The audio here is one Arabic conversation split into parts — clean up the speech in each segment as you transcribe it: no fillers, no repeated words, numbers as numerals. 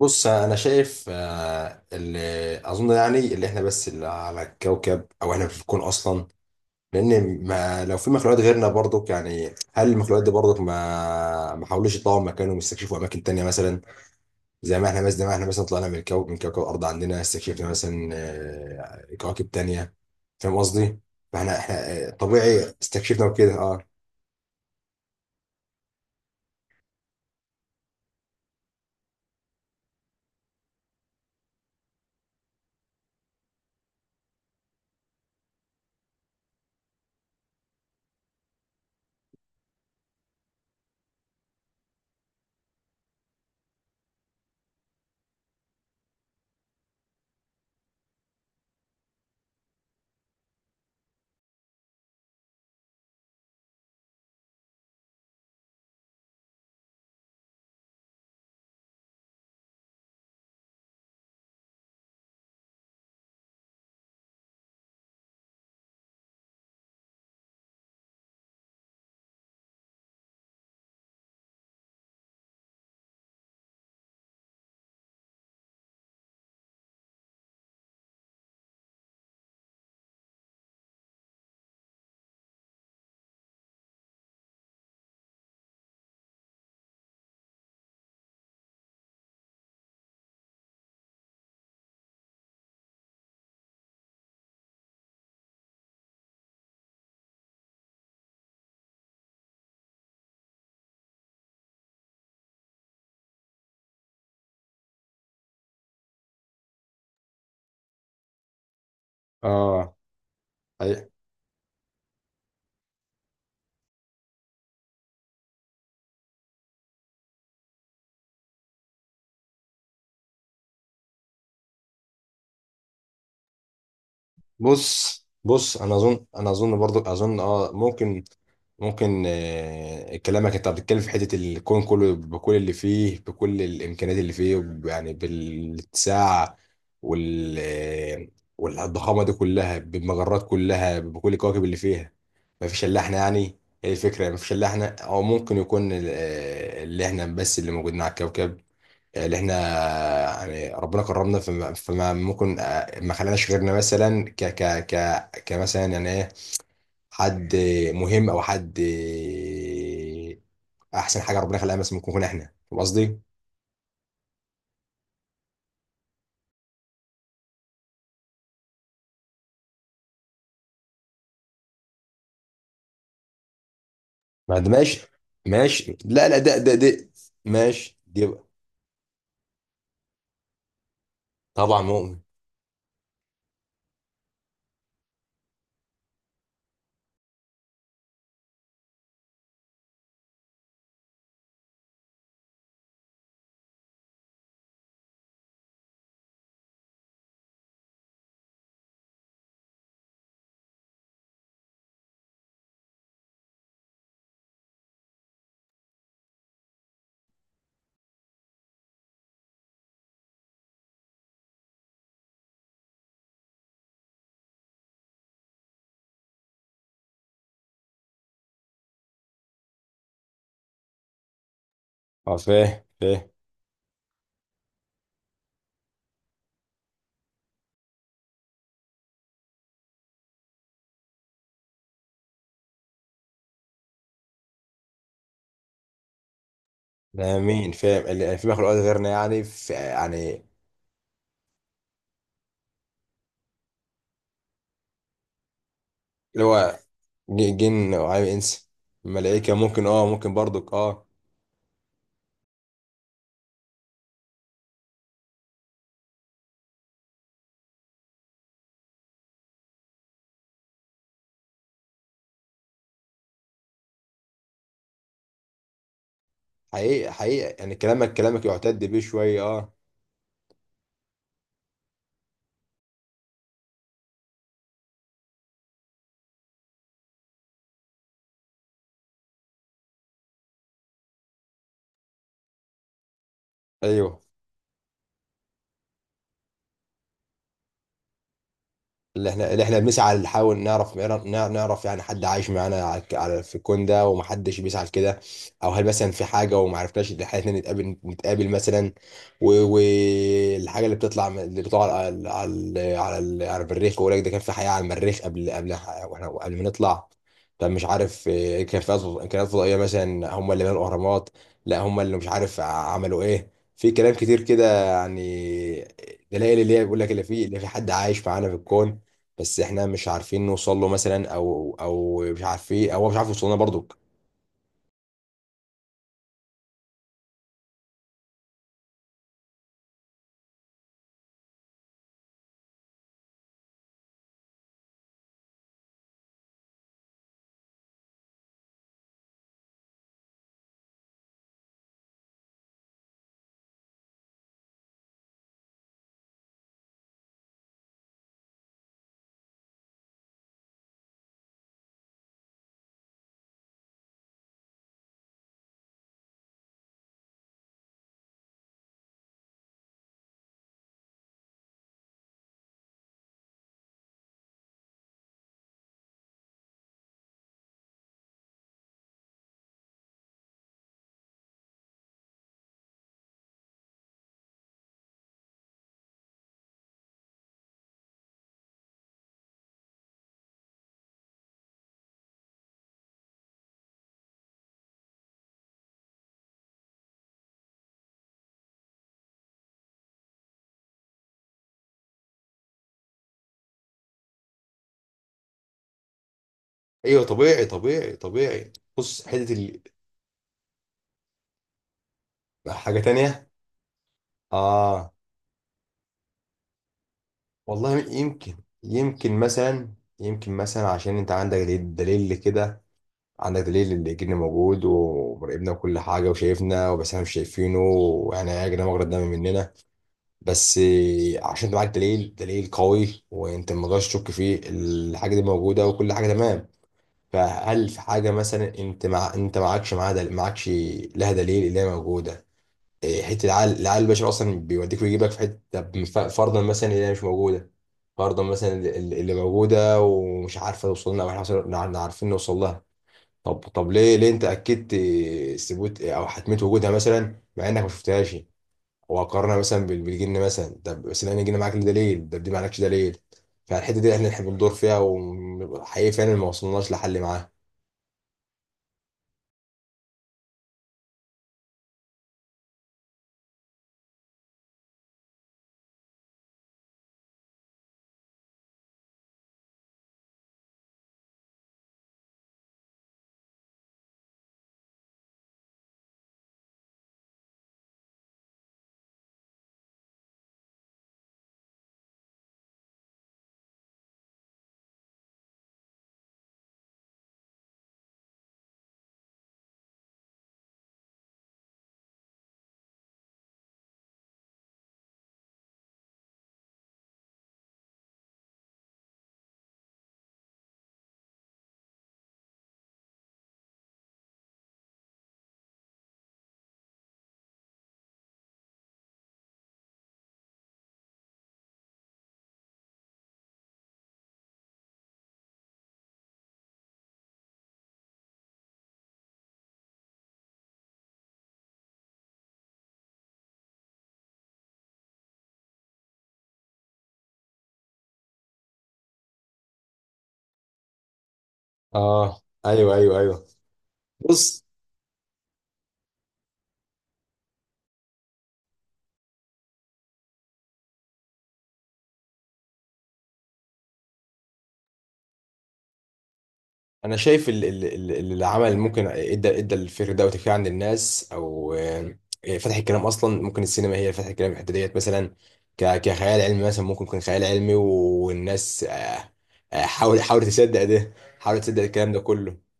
بص انا شايف اللي اظن يعني اللي احنا بس اللي على الكوكب او احنا في الكون اصلا. لان ما لو في مخلوقات غيرنا برضك، يعني هل المخلوقات دي برضك ما حاولوش يطلعوا مكانهم يستكشفوا اماكن تانية مثلا؟ زي ما احنا مثلا طلعنا من الكوكب، من كوكب الارض، عندنا استكشفنا مثلا كواكب تانية. فاهم قصدي؟ احنا طبيعي استكشفنا وكده. اه. اه. بص انا اظن برضو اظن اه، ممكن. كلامك انت بتتكلم في حته الكون كله، بكل اللي فيه، بكل الامكانيات اللي فيه، يعني بالاتساع وال آه، والضخامه دي كلها، بالمجرات كلها، بكل الكواكب اللي فيها. مفيش الا احنا، يعني هي الفكره مفيش الا احنا، او ممكن يكون اللي احنا بس اللي موجودين على الكوكب. اللي احنا يعني ربنا كرمنا فما ممكن ما خلاناش غيرنا مثلا ك ك ك كمثلا يعني ايه، حد مهم، او حد احسن حاجه ربنا خلاها مثلا ممكن نكون احنا. فاهم قصدي؟ ما ده ماشي. ماشي، لا لا، ده ماشي دي بقى. طبعا مؤمن. اه، فاهم. ده مين فاهم اللي في مخلوقات غيرنا؟ يعني في، يعني اللي هو جن وعالم انس ملائكه ممكن، اه ممكن برضك اه. حقيقة يعني كلامك يعتد بيه شوية اه. ايوه. اللي احنا بنسعى نحاول نعرف، يعني حد عايش معانا في الكون ده، ومحدش بيسعى لكده. او هل مثلا في حاجه وما عرفناش ان احنا نتقابل مثلا؟ والحاجه اللي اللي بتطلع على المريخ، ويقول لك ده كان في حياه على المريخ قبل، قبل واحنا قبل ما نطلع. طب مش عارف كان في كائنات فضائيه مثلا هم اللي بنوا الاهرامات؟ لا، هم اللي مش عارف عملوا ايه. في كلام كتير كده يعني، دلائل اللي هي بيقول لك اللي في، حد عايش معانا في الكون، بس احنا مش عارفين نوصل له مثلا، او او مش عارفين، او هو مش عارف يوصل لنا برضو. ايوه طبيعي، طبيعي، طبيعي. بص حته ال... حاجه تانية. اه. والله يمكن، يمكن مثلا، يمكن مثلا عشان انت عندك دليل، دليل كده. عندك دليل اللي جن موجود ومراقبنا وكل حاجه وشايفنا، بس احنا مش شايفينه واحنا يا جدعان مجرد دم مننا، بس عشان انت معاك دليل، دليل قوي، وانت ما تقدرش تشك فيه، الحاجه دي موجوده وكل حاجه تمام. فهل في حاجة مثلا انت مع انت معكش معاها دل... معكش لها دليل اللي هي موجودة؟ إيه، حتة العقل، العقل البشري اصلا بيوديك ويجيبك في حتة. طب فرضا مثلا اللي هي مش موجودة، فرضا مثلا اللي موجودة ومش عارفة توصل لنا، او احنا عارفين نوصل لها، طب ليه انت اكدت ثبوت او حتمية وجودها مثلا مع انك ما شفتهاش؟ وقارنها مثلا بالجن مثلا. طب بس لان الجن معاك ليه دليل، طب دي معكش دليل. فالحتة دي احنا، احنا بندور فيها وحقيقي فعلا ما وصلناش لحل معاها. اه ايوه، ايوه، ايوه. بص انا شايف العمل اللي ممكن ادى الفكر ده وتفكير عند الناس، او فتح الكلام اصلا، ممكن السينما هي اللي فتحت الكلام في الحته ديت مثلا، كخيال علمي مثلا، ممكن يكون خيال علمي والناس حاول تصدق ده، حاول تصدق الكلام ده كله.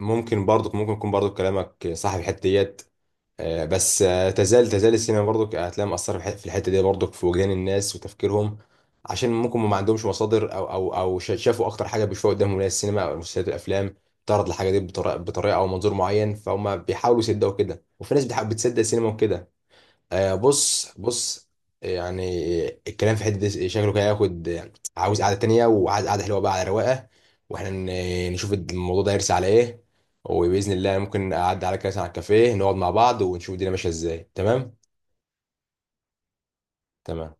ممكن برضك، ممكن يكون برضك كلامك صح في الحته ديت بس تزال السينما برضك هتلاقيها مأثرة في الحتة دي برضك في وجدان الناس وتفكيرهم، عشان ممكن ما عندهمش مصادر، أو شافوا أكتر حاجة بيشوفوها قدامهم اللي هي السينما أو المسلسلات الأفلام تعرض الحاجة دي بطريقة أو منظور معين، فهم بيحاولوا يصدقوا كده، وفي ناس بتصدق السينما وكده. آه، بص يعني الكلام في حته دي شكله كده ياخد، عاوز قعده تانية وعايز قعده حلوه بقى على رواقه، واحنا نشوف الموضوع ده يرسى على ايه. وباذن الله ممكن اعدي على كاس، على الكافيه، نقعد مع بعض ونشوف الدنيا ماشيه ازاي. تمام. تمام.